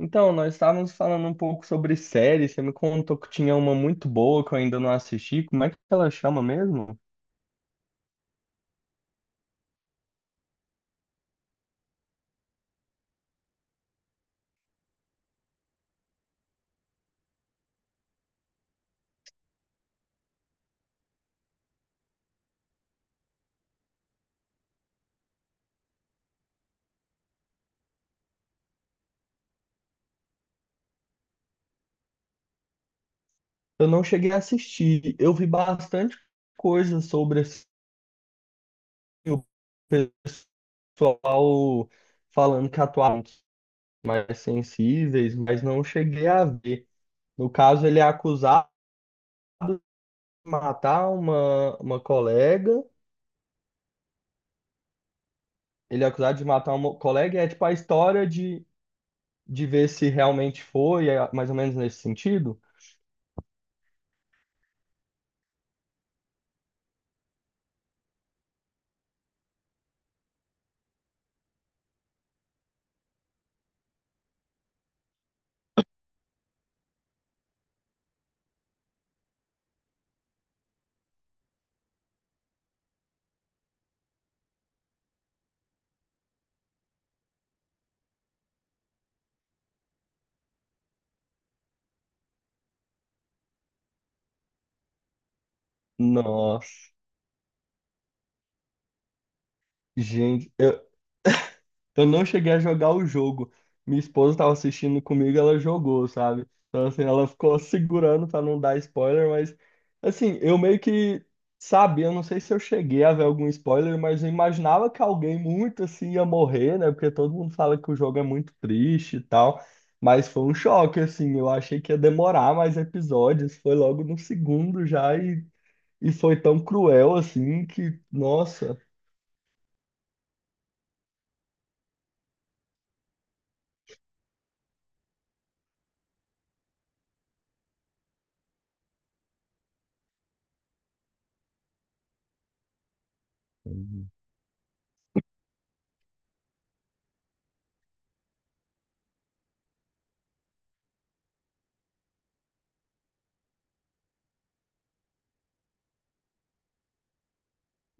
Então, nós estávamos falando um pouco sobre séries. Você me contou que tinha uma muito boa que eu ainda não assisti. Como é que ela chama mesmo? Eu não cheguei a assistir. Eu vi bastante coisa sobre assim, o pessoal falando que atuaram mais sensíveis, mas não cheguei a ver. No caso, ele é acusado de matar uma colega. Ele é acusado de matar uma colega e é tipo a história de ver se realmente foi, é mais ou menos nesse sentido. Nossa, gente, eu não cheguei a jogar o jogo. Minha esposa estava assistindo comigo, ela jogou, sabe? Então, assim, ela ficou segurando para não dar spoiler, mas, assim, eu meio que sabia, eu não sei se eu cheguei a ver algum spoiler, mas eu imaginava que alguém muito assim ia morrer, né? Porque todo mundo fala que o jogo é muito triste e tal. Mas foi um choque, assim, eu achei que ia demorar mais episódios, foi logo no segundo já e foi tão cruel, assim, que, nossa.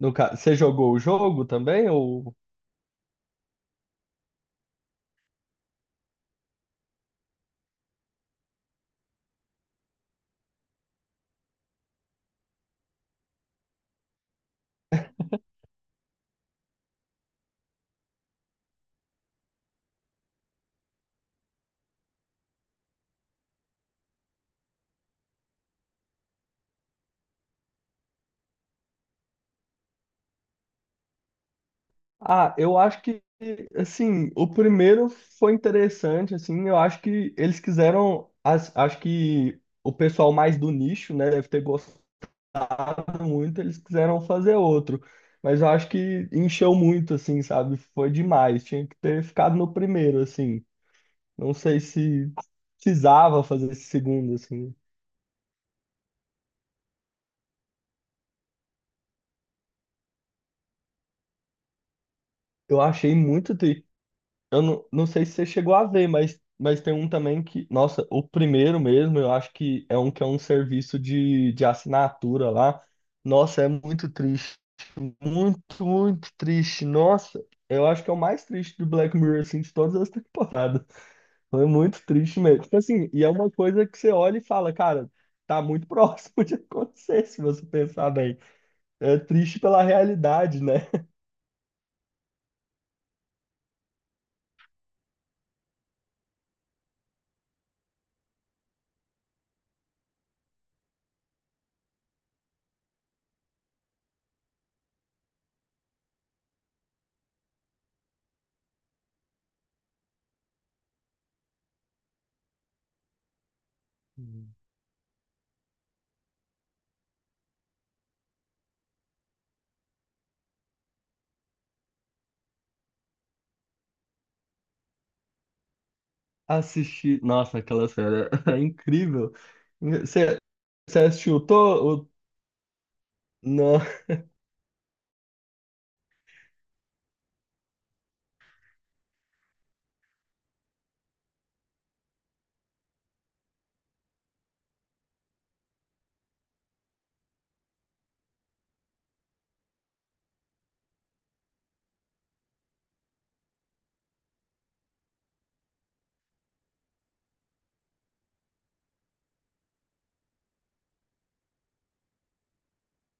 No ca- Você jogou o jogo também? Ou... Ah, eu acho que, assim, o primeiro foi interessante, assim, eu acho que eles quiseram, as- acho que o pessoal mais do nicho, né, deve ter gostado muito, eles quiseram fazer outro, mas eu acho que encheu muito, assim, sabe? Foi demais, tinha que ter ficado no primeiro, assim, não sei se precisava fazer esse segundo, assim. Eu achei muito triste. Eu não sei se você chegou a ver, mas tem um também que, nossa, o primeiro mesmo, eu acho que é um serviço de assinatura lá. Nossa, é muito triste. Muito, muito triste. Nossa, eu acho que é o mais triste do Black Mirror, assim, de todas as temporadas. Foi muito triste mesmo. Tipo assim, e é uma coisa que você olha e fala, cara, tá muito próximo de acontecer, se você pensar bem. É triste pela realidade, né? Assisti. Nossa, aquela série é incrível. Você, você assistiu? Tô, o- Não,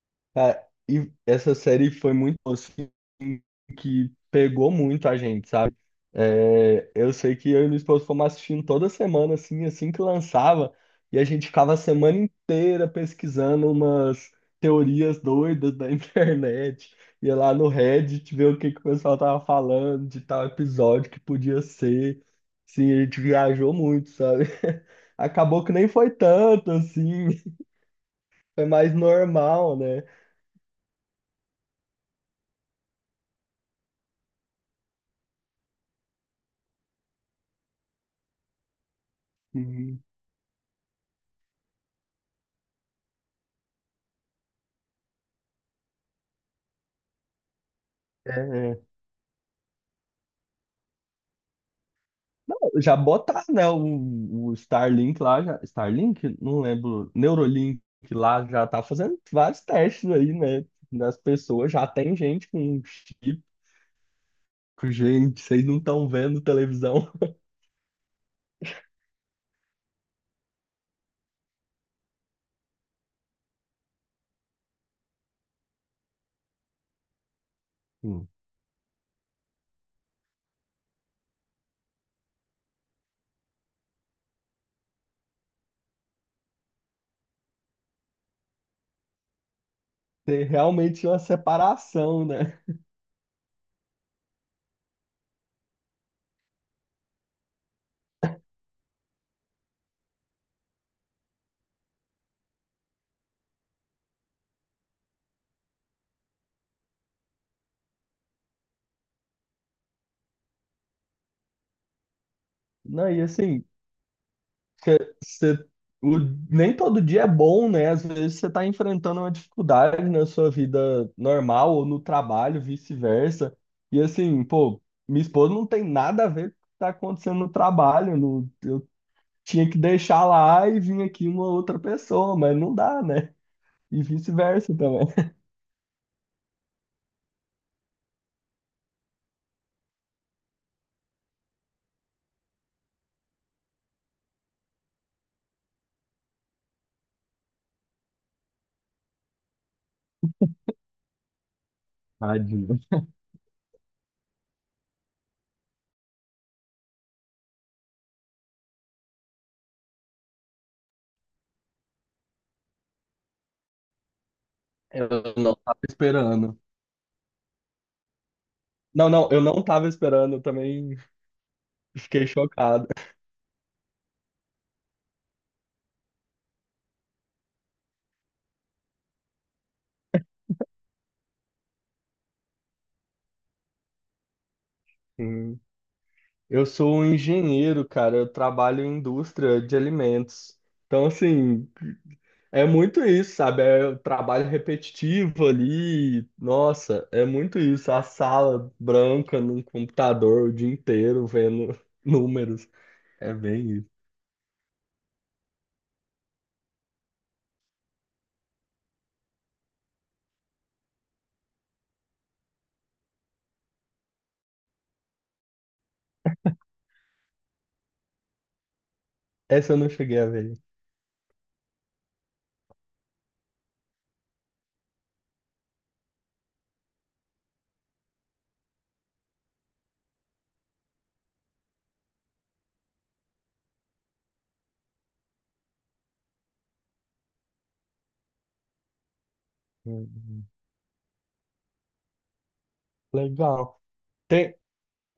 cara, e essa série foi muito boa, assim, que pegou muito a gente, sabe? É, eu sei que eu e minha esposa fomos assistindo toda semana, assim, assim que lançava, e a gente ficava a semana inteira pesquisando umas teorias doidas da internet, ia lá no Reddit ver o que que o pessoal tava falando de tal episódio que podia ser. Sim, a gente viajou muito, sabe? Acabou que nem foi tanto, assim, foi mais normal, né? Uhum. É. É. Não, já botar, né, o Starlink lá, já, Starlink? Não lembro, Neurolink lá já tá fazendo vários testes aí, né, das pessoas, já tem gente com chip, gente, vocês não estão vendo televisão. Hum. Tem realmente uma separação, né? Não, e assim, porque você- o- nem todo dia é bom, né? Às vezes você está enfrentando uma dificuldade na sua vida normal ou no trabalho, vice-versa. E assim, pô, minha esposa não tem nada a ver com o que está acontecendo no trabalho. Não- eu tinha que deixar lá e vir aqui uma outra pessoa, mas não dá, né? E vice-versa também. Tadinho. Eu não estava esperando. Não, não, eu não estava esperando, eu também fiquei chocado. Sim. Eu sou um engenheiro, cara. Eu trabalho em indústria de alimentos. Então, assim, é muito isso, sabe? É o trabalho repetitivo ali. Nossa, é muito isso. A sala branca num computador o dia inteiro vendo números. É bem isso. Essa eu não cheguei a ver. Uhum. Legal. Tem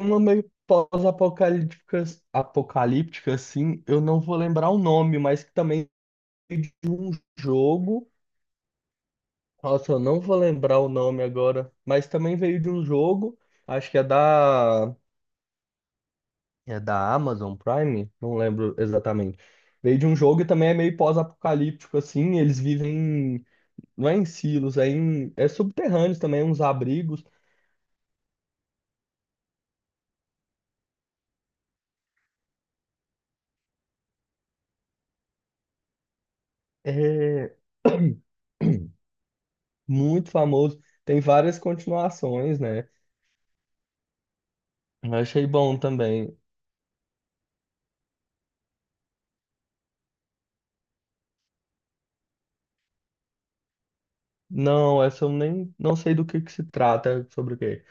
uma meio pós-apocalíptica, apocalíptica, assim. Eu não vou lembrar o nome, mas que também é de um jogo. Nossa, eu não vou lembrar o nome agora, mas também veio de um jogo, acho que é da Amazon Prime, não lembro exatamente. Veio de um jogo e também é meio pós-apocalíptico, assim, eles vivem, em- não é em silos, é, em, é subterrâneos também, uns abrigos, é muito famoso, tem várias continuações, né? Eu achei bom também. Não, essa eu nem, não sei do que se trata, sobre o quê.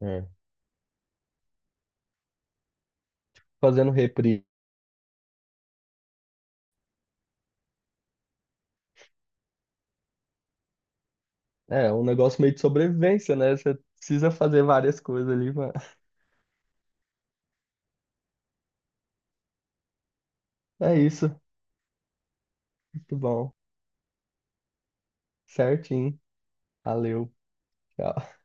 É. Fazendo reprise. É, um negócio meio de sobrevivência, né? Você precisa fazer várias coisas ali, mano. É isso. Muito bom. Certinho. Valeu. Tchau.